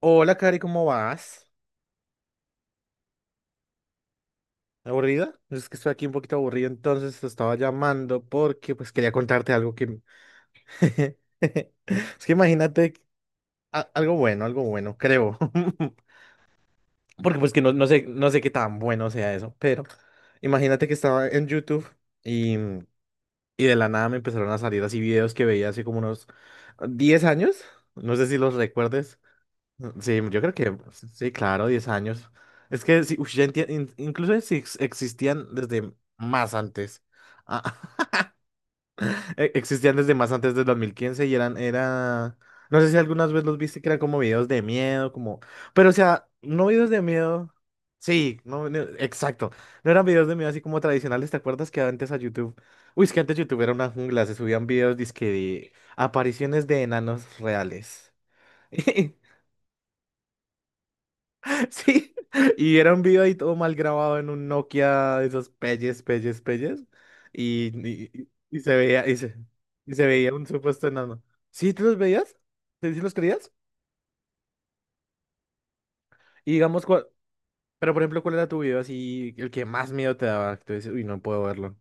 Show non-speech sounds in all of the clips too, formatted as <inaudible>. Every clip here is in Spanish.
Hola, Cari, ¿cómo vas? ¿Aburrida? Es que estoy aquí un poquito aburrido, entonces te estaba llamando porque pues quería contarte algo que. <laughs> Es que imagínate algo bueno, creo. <laughs> Porque pues que no, no sé qué tan bueno sea eso, pero imagínate que estaba en YouTube y, mm, y de la nada me empezaron a salir así videos que veía hace como unos 10 años, no sé si los recuerdes. Sí, yo creo que sí, claro, 10 años. Es que sí, ya incluso si existían desde más antes. Ah, <laughs> existían desde más antes del 2015 y era, no sé si algunas veces los viste que eran como videos de miedo, como, pero o sea, no videos de miedo. Sí, no, no, exacto. No eran videos de miedo así como tradicionales. ¿Te acuerdas que antes a YouTube? Uy, es que antes YouTube era una jungla, se subían videos dizque de apariciones de enanos reales. <laughs> Sí, <laughs> y era un video ahí todo mal grabado en un Nokia de esos pelles, pelles, pelles. Y se veía, y se veía un supuesto enano. ¿Sí te los veías? ¿Sí los creías? Y digamos, pero por ejemplo, ¿cuál era tu video así, el que más miedo te daba? Que tú dices, uy, no puedo verlo.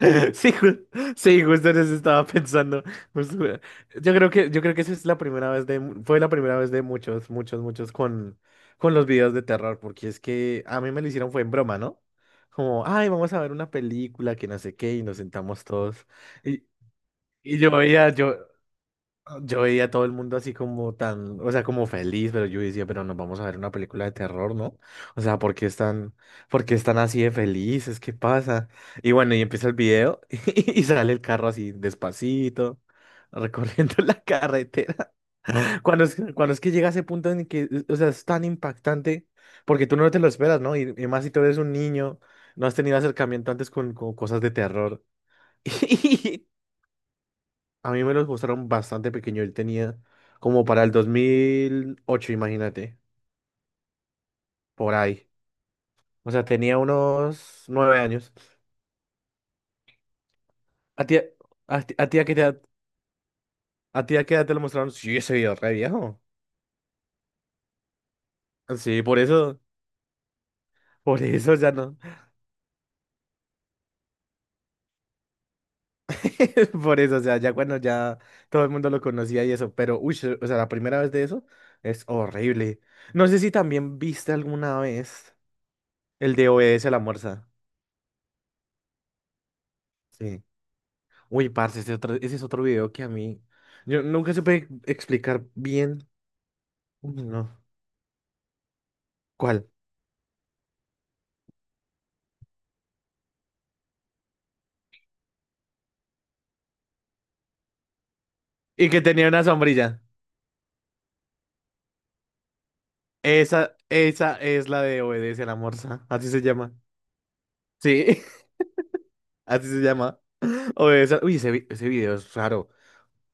<laughs> Sí, sí, justo en eso estaba pensando. justo- eh, yo creo que esa es la primera vez de, mu- fue la primera vez de muchos, muchos, muchos con los videos de terror, porque es que a mí me lo hicieron fue en broma, ¿no? Como, ay, vamos a ver una película que no sé qué, y nos sentamos todos. Y, y yo veía a todo el mundo así como tan, o sea, como feliz, pero yo decía, pero nos vamos a ver una película de terror, ¿no? O sea, ¿por qué están así de felices? ¿Qué pasa? Y bueno, y empieza el video <laughs> y sale el carro así despacito, <laughs> recorriendo la carretera. <laughs> Cuando es que llega ese punto en que, o sea, es tan impactante, porque tú no te lo esperas, ¿no? Y más si tú eres un niño, no has tenido acercamiento antes con cosas de terror. <laughs> A mí me los mostraron bastante pequeño. Él tenía como para el 2008, imagínate, por ahí. O sea, tenía unos 9 años. ¿A ti, a ti a qué edad, a ti a qué edad te lo mostraron? Sí, ese video re viejo. Sí, por eso ya no. <laughs> Por eso, o sea, ya cuando ya todo el mundo lo conocía y eso. Pero, uy, o sea, la primera vez de eso es horrible. No sé si también viste alguna vez el de OBS a la Morsa. Sí. Uy, parce, ese es otro video que a mí. Yo nunca supe explicar bien. Uy, no. ¿Cuál? Y que tenía una sombrilla. Esa es la de Obedece a la Morsa. Así se llama. Sí, <laughs> así se llama. Obedece. Uy, ese video es raro.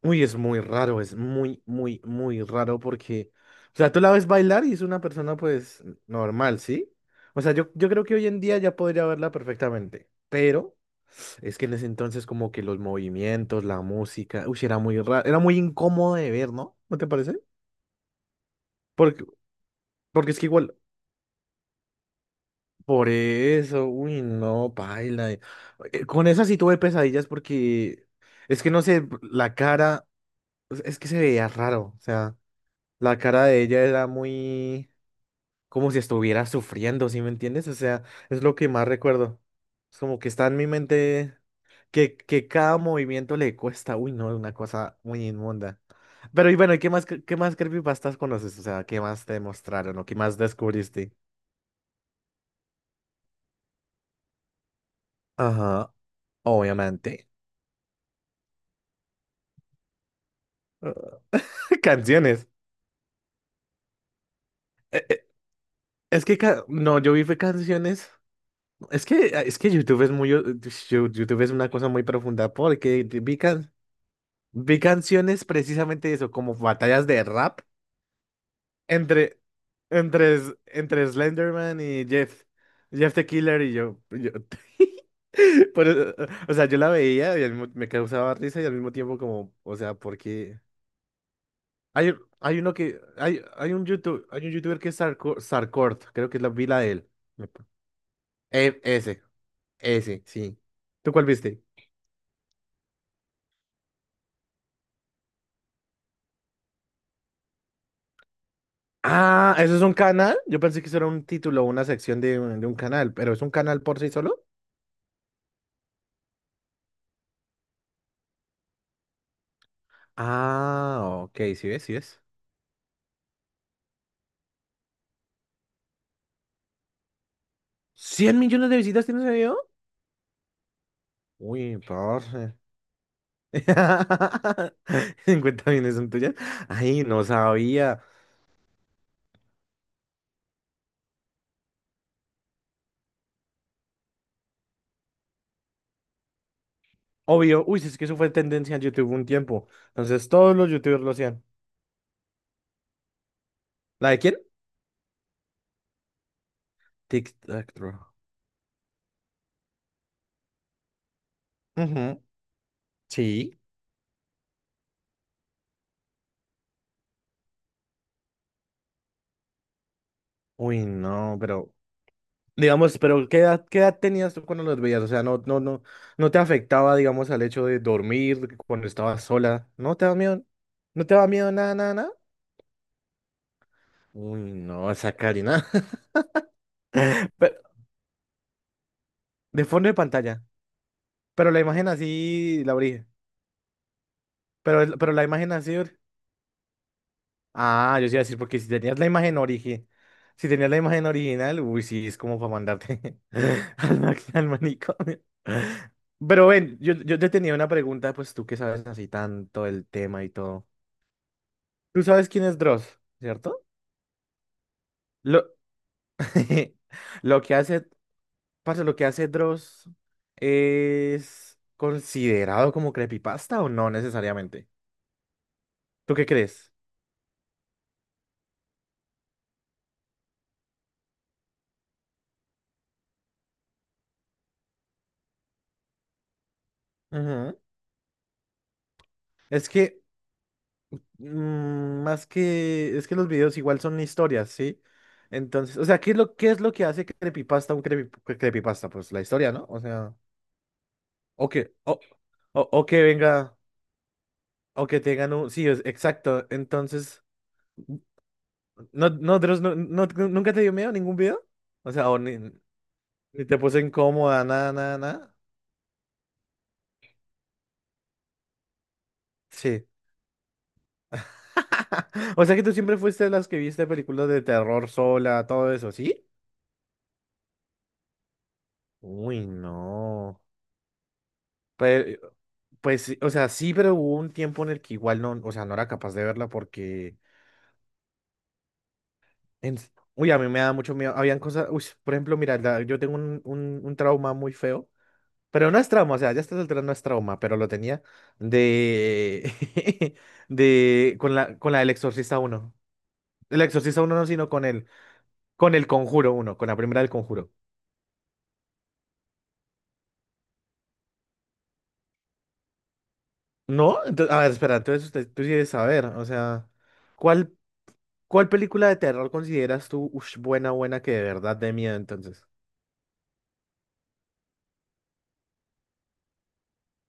Uy, es muy raro. Es muy, muy, muy raro. Porque. O sea, tú la ves bailar y es una persona, pues, normal, ¿sí? O sea, yo creo que hoy en día ya podría verla perfectamente. Pero. Es que en ese entonces como que los movimientos, la música, uy, era muy raro, era muy incómodo de ver, ¿no? ¿No te parece? Porque, porque es que igual, por eso, uy, no, paila. Con esa sí tuve pesadillas, porque es que no sé, la cara, o sea, es que se veía raro, o sea, la cara de ella era muy como si estuviera sufriendo, ¿sí me entiendes? O sea, es lo que más recuerdo. Es como que está en mi mente que cada movimiento le cuesta, uy, no, una cosa muy inmunda. Pero y bueno, ¿y qué más, qué más creepypastas conoces? O sea, ¿qué más te mostraron o qué más descubriste? Ajá, obviamente. <laughs> Canciones. Eh, eh, es que, no, yo vi fue canciones. Es que, es que YouTube es una cosa muy profunda porque vi canciones precisamente de eso, como batallas de rap. Entre, entre Slenderman y Jeff. Jeff the Killer y yo. <laughs> Por eso- o sea, yo la veía y me causaba risa y al mismo tiempo como, o sea, porque. Hay uno que. Hay un youtuber que es Sarkort, creo que es la vila de él. Eh, ese, ese, sí. ¿Tú cuál viste? Ah, ¿eso es un canal? Yo pensé que eso era un título o una sección de un canal, pero ¿es un canal por sí solo? Ah, ok, sí es, sí es. ¿100 millones de visitas tiene ese video? Uy, parce. <laughs> 50 millones son tuyas. Ay, no sabía. Obvio, uy, si es que eso fue tendencia en YouTube un tiempo. Entonces todos los YouTubers lo hacían. ¿La de quién? TikTok, bro. Ujú, sí. Uy, no, pero. Digamos, pero ¿qué edad tenías tú cuando los veías? O sea, no te afectaba, digamos, al hecho de dormir cuando estabas sola. ¿No te da miedo? ¿No te da miedo nada, nada, nada? Uy, no, esa Karina. <laughs> De fondo de pantalla. Pero la imagen así, la origen. Pero la imagen así. Ah, yo sí iba a decir, porque si tenías la imagen origen. Si tenías la imagen original, uy, sí, es como para mandarte <laughs> al manicomio. Pero ven, yo te tenía una pregunta, pues tú que sabes así tanto el tema y todo. Tú sabes quién es Dross, ¿cierto? Lo, <laughs> lo que hace, parce, lo que hace Dross es considerado como creepypasta o no necesariamente. ¿Tú qué crees? Ujú. Es que, mm, más que, es que los videos igual son historias, ¿sí? Entonces, o sea, ¿qué es lo que hace creepypasta un creepypasta? Pues la historia, ¿no? O sea, o que, o, o que venga, o que tengan un, sí, es, exacto. Entonces, no, no, Dross, ¿nunca te dio miedo ningún video? O sea, o ni, ni te puso incómoda, nada, nada, nada. Sí. <laughs> O sea que tú siempre fuiste de las que viste películas de terror sola, todo eso, ¿sí? Uy, no. Pe- pues, sí, o sea, sí, pero hubo un tiempo en el que igual no, o sea, no era capaz de verla porque, en- uy, a mí me da mucho miedo. Habían cosas, uy, por ejemplo, mira, yo tengo un trauma muy feo, pero no es trauma, o sea, ya estás alterando, no es trauma, pero lo tenía de, <laughs> con la del Exorcista uno. El Exorcista uno no, sino con el Conjuro uno, con la primera del Conjuro. ¿No? Entonces, a ver, espera, entonces tú quieres saber, o sea, ¿cuál? ¿Cuál película de terror consideras tú buena, buena, que de verdad de miedo entonces?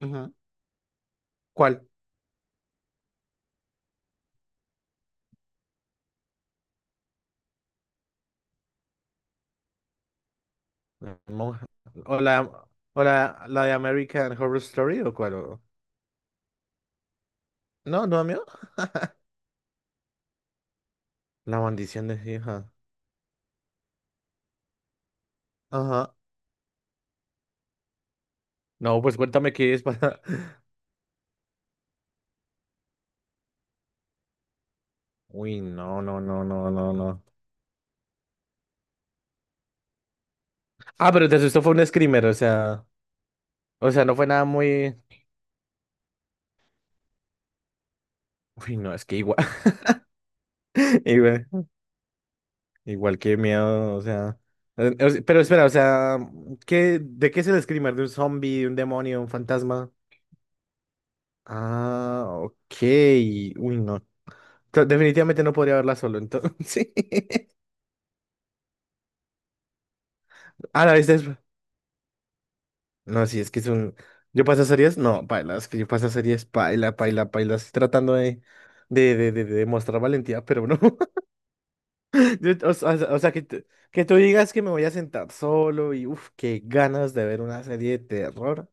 Ujú. ¿Cuál? La monja. ¿O la, o la de American Horror Story o cuál? No, no, amigo. La maldición de hija. Ajá. No, pues cuéntame qué es, para. <laughs> Uy, no, no, no, no, no, no. Ah, pero te asustó fue un screamer, o sea. O sea, no fue nada muy. Uy, no, es que igual. <laughs> Igual que miedo, o sea. O sea, pero espera, o sea, de qué es el screamer? ¿De un zombie, de un demonio, un fantasma? Ah, ok. Uy, no. Definitivamente no podría verla solo, entonces. <laughs> Ah, la viste después. No, sí, es que es un. Yo paso series, no, paila, es que yo paso series, paila, paila, paila. Estoy tratando de mostrar valentía, pero no. <laughs> O sea, que tú digas que me voy a sentar solo y uff, qué ganas de ver una serie de terror.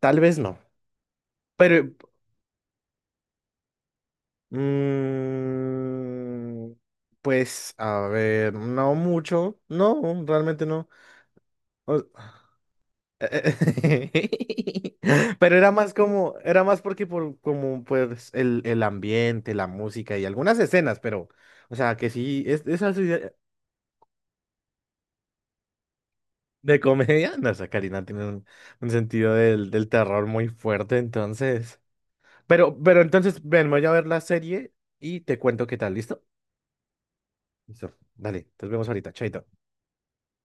Tal vez no. Pero, mm, pues, a ver, no mucho. No, realmente no. O- <laughs> Pero era más como, era más porque por como pues el ambiente, la música y algunas escenas, pero, o sea, que sí, es, esas. De comedia, no sé, Karina tiene un sentido del terror muy fuerte, entonces. Pero entonces, ven, voy a ver la serie y te cuento qué tal, ¿listo? Listo, dale, nos vemos ahorita, chaito.